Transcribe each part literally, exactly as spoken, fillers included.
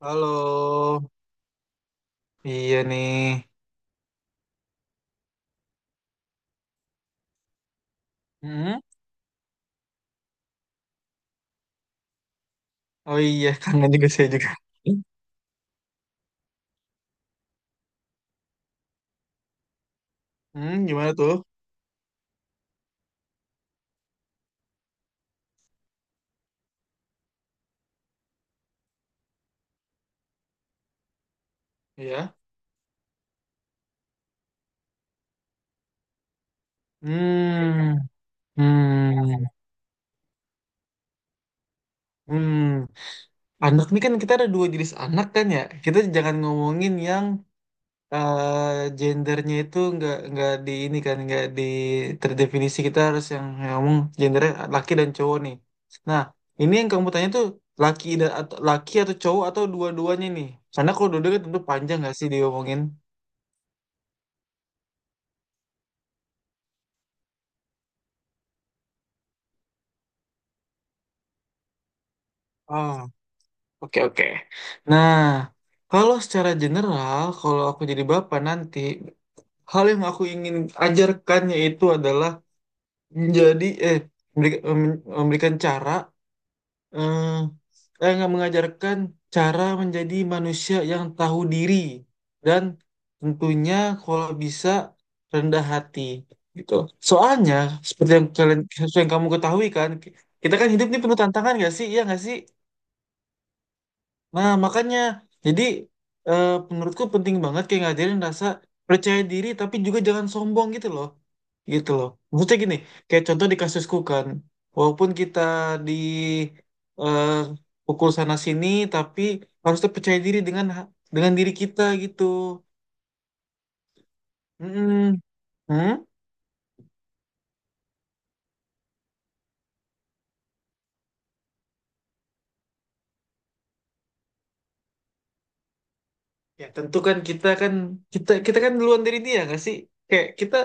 Halo, iya nih. Hmm. Oh iya, kangen juga saya juga. Hmm, gimana tuh? Iya. Hmm, hmm, hmm. Anak nih kan kita ada dua jenis anak kan ya. Kita jangan ngomongin yang eh, gendernya itu nggak nggak di ini kan nggak di terdefinisi. Kita harus yang yang ngomong gendernya laki dan cowok nih. Nah, ini yang kamu tanya tuh laki dan atau laki atau cowok atau dua-duanya nih. Karena kalau dua-duanya kan tentu panjang nggak sih diomongin. Oh, oke, oke. Nah, kalau secara general, kalau aku jadi bapak nanti, hal yang aku ingin ajarkan yaitu adalah menjadi eh memberi- mem- memberikan cara eh eh, nggak mengajarkan cara menjadi manusia yang tahu diri dan tentunya kalau bisa rendah hati gitu. Soalnya seperti yang kalian seperti yang kamu ketahui kan, kita kan hidup ini penuh tantangan nggak sih? Iya nggak sih? Nah, makanya jadi, eh, menurutku penting banget kayak ngajarin rasa percaya diri tapi juga jangan sombong gitu loh. Gitu loh. Maksudnya gini, kayak contoh di kasusku kan, walaupun kita di eh, pukul sana sini tapi harus tetap percaya diri dengan ha- dengan diri kita gitu. Mm-mm. Hmm? Ya tentu kan kita kan kita kita kan duluan dari dia nggak sih? Kayak kita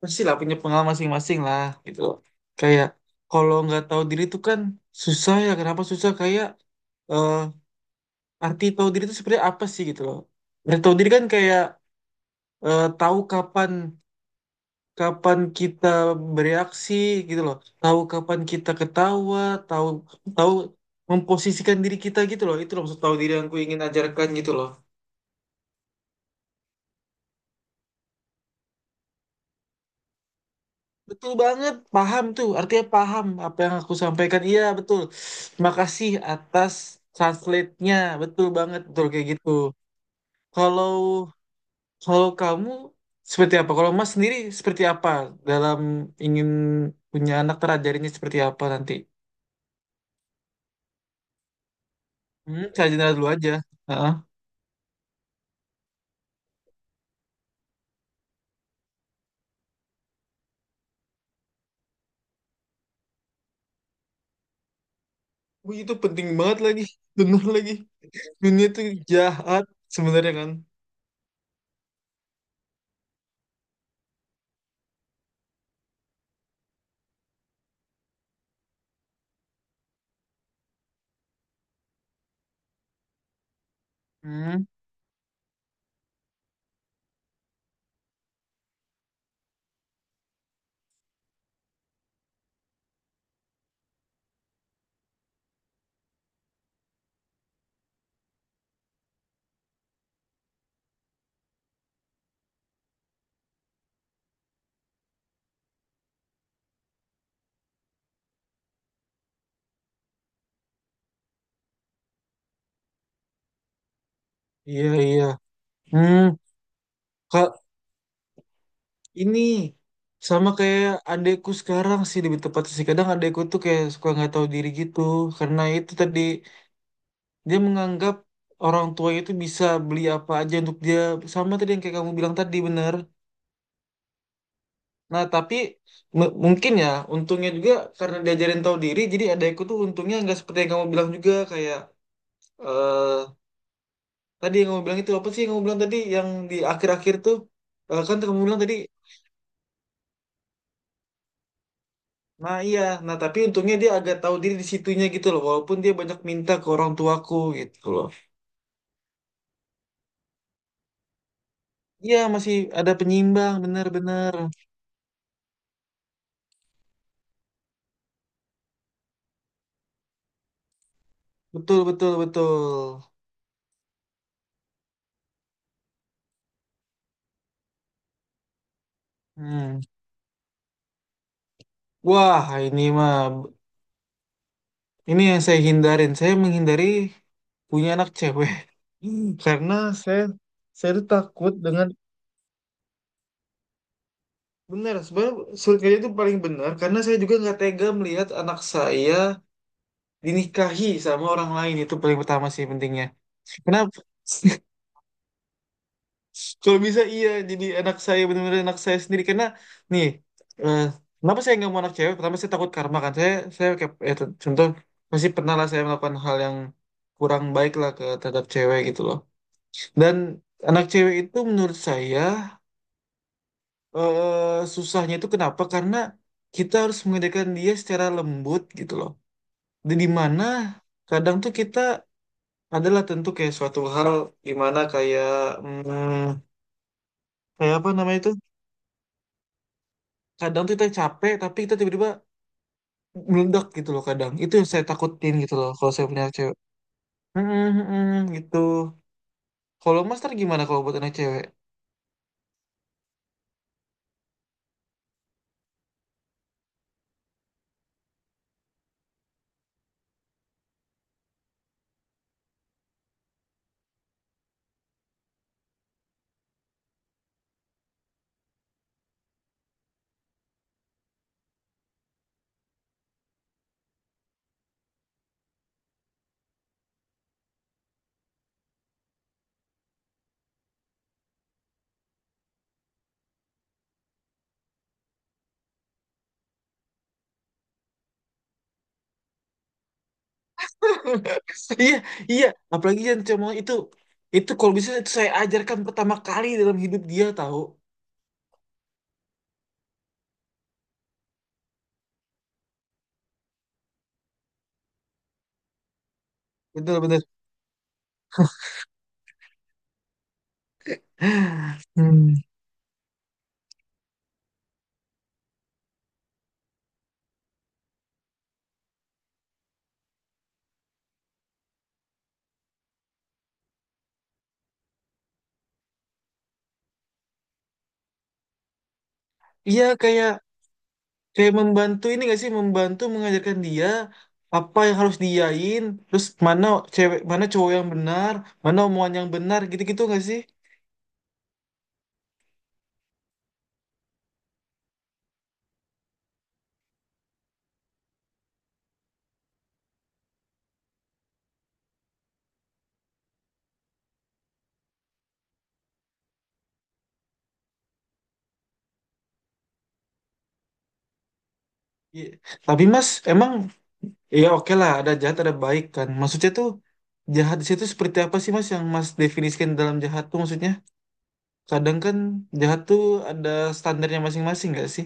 pasti lah punya pengalaman masing-masing lah gitu loh. Kayak kalau nggak tahu diri tuh kan susah ya. Kenapa susah? Kayak, eh, arti tahu diri itu sebenarnya apa sih gitu loh. Arti tahu diri kan kayak, eh, tahu kapan kapan kita bereaksi gitu loh. Tahu kapan kita ketawa, tahu tahu memposisikan diri kita gitu loh. Itu loh maksud tahu diri yang ku ingin ajarkan gitu loh. Betul banget, paham tuh. Artinya paham apa yang aku sampaikan. Iya, betul. Terima kasih atas translate-nya. Betul banget, betul kayak gitu. Kalau kalau kamu seperti apa? Kalau Mas sendiri seperti apa dalam ingin punya anak terajarinya seperti apa nanti? Hmm, saya general dulu aja. Heeh. Wih, itu penting banget lagi. Benar lagi. Dunia itu jahat sebenarnya kan. Hmm, iya, iya. Hmm. Ka- Ini sama kayak adekku sekarang sih lebih tepatnya sih. Kadang adekku tuh kayak suka nggak tahu diri gitu. Karena itu tadi dia menganggap orang tuanya itu bisa beli apa aja untuk dia. Sama tadi yang kayak kamu bilang tadi bener. Nah tapi m- mungkin ya untungnya juga karena diajarin tahu diri. Jadi adekku tuh untungnya nggak seperti yang kamu bilang juga kayak eh tadi yang kamu bilang itu apa sih yang kamu bilang tadi yang di akhir-akhir tuh. Eh, kan kamu bilang tadi. Nah iya, nah tapi untungnya dia agak tahu diri di situnya gitu loh, walaupun dia banyak minta ke orang tuaku gitu loh. Iya, masih ada penyimbang, benar-benar, betul, betul, betul. Hmm. Wah ini mah, ini yang saya hindarin, saya menghindari punya anak cewek. Hmm, karena saya saya tuh takut dengan benar sebenarnya surat kerja itu paling benar karena saya juga nggak tega melihat anak saya dinikahi sama orang lain itu paling pertama sih pentingnya. Kenapa? Kalau bisa iya, jadi anak saya benar-benar anak saya sendiri karena nih, eh, kenapa saya nggak mau anak cewek? Pertama saya takut karma kan. Saya saya kayak ya, t- contoh masih pernah lah saya melakukan hal yang kurang baik lah ke terhadap cewek gitu loh. Dan anak cewek itu menurut saya, eh, susahnya itu kenapa? Karena kita harus mengedekan dia secara lembut gitu loh. Dan di mana kadang tuh kita adalah tentu kayak suatu hal gimana kayak, hmm, kayak apa namanya itu? Kadang tuh kita capek tapi kita tiba-tiba meledak gitu loh, kadang itu yang saya takutin gitu loh kalau saya punya anak cewek. Mm-mm, mm-mm. Gitu. Kalau mas ntar gimana kalau buat anak cewek? Iya, iya. Apalagi yang cuma itu. Itu kalau bisa itu saya ajarkan pertama kali dalam hidup dia tahu. Betul-betul. Hmm. Iya, kayak kayak membantu ini gak sih membantu mengajarkan dia apa yang harus diain terus mana cewek mana cowok yang benar mana omongan yang benar gitu-gitu gak sih? Iya. Tapi Mas, emang ya oke lah ada jahat ada baik kan. Maksudnya tuh jahat di situ seperti apa sih Mas yang Mas definisikan dalam jahat tuh maksudnya? Kadang kan jahat tuh ada standarnya masing-masing nggak sih?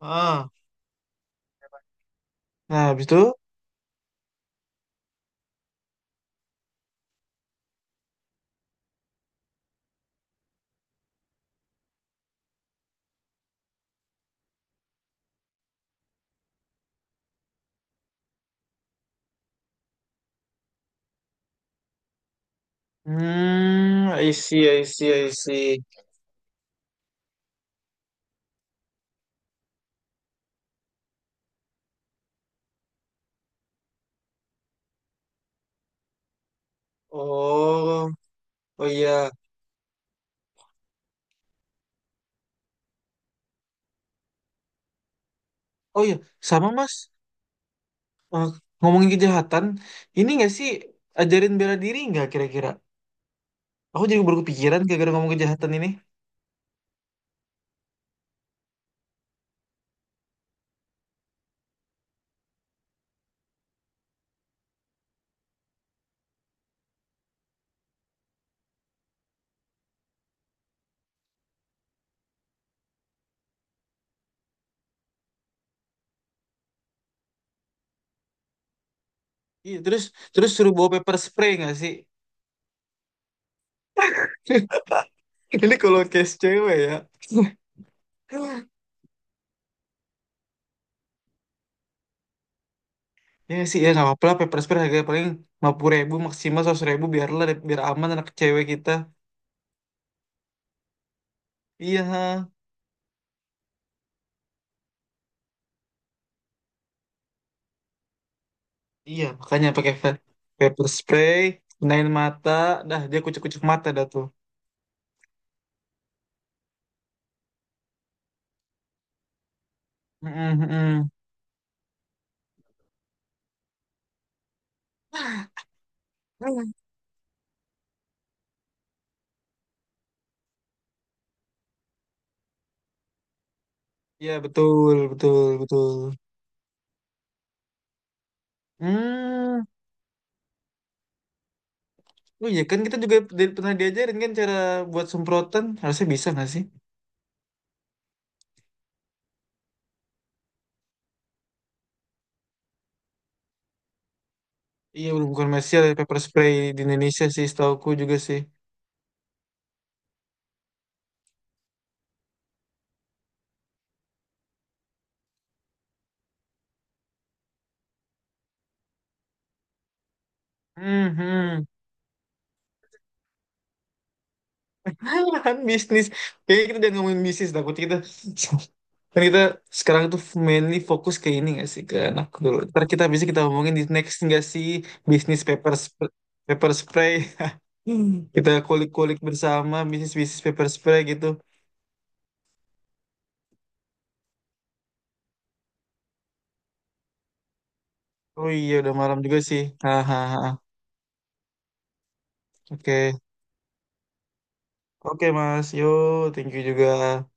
Ah. Nah, habis itu. Hmm, I see, I see, I see. Oh, oh iya. Oh iya, sama Mas. Eh, ngomongin kejahatan, ini nggak sih ajarin bela diri nggak kira-kira? Aku jadi baru kepikiran gara-gara ngomong kejahatan ini. Iya, terus terus suruh bawa paper spray nggak sih? Ini kalau case cewek ya. Ya sih ya nggak apa-apa lah pepper spray harganya paling lima puluh ribu ribu maksimal seratus ribu ribu, biarlah biar aman anak cewek kita. Iya, ha. Iya makanya pakai pe- pepper spray, kenain mata, dah dia kucek-kucek mata dah tuh. Mm-mm, mm-mm. Iya, betul, betul, betul. Hmm, oh iya, kan kita juga di- pernah diajarin kan cara buat semprotan, harusnya bisa nggak sih? Iya, bukan Messi ada pepper spray di Indonesia sih, setauku juga sih. Hmm, kan bisnis. Kayaknya kita jangan ngomongin bisnis, takut kita. Kan kita sekarang tuh mainly fokus ke ini gak sih, ke anak dulu. Ntar kita bisa kita ngomongin di next nggak sih, bisnis paper sp- paper spray. Hmm. Kita kulik-kulik bersama bisnis-bisnis paper spray gitu. Oh iya, udah malam juga sih. Hahaha. Oke. Oke, Mas. Yo, thank you juga.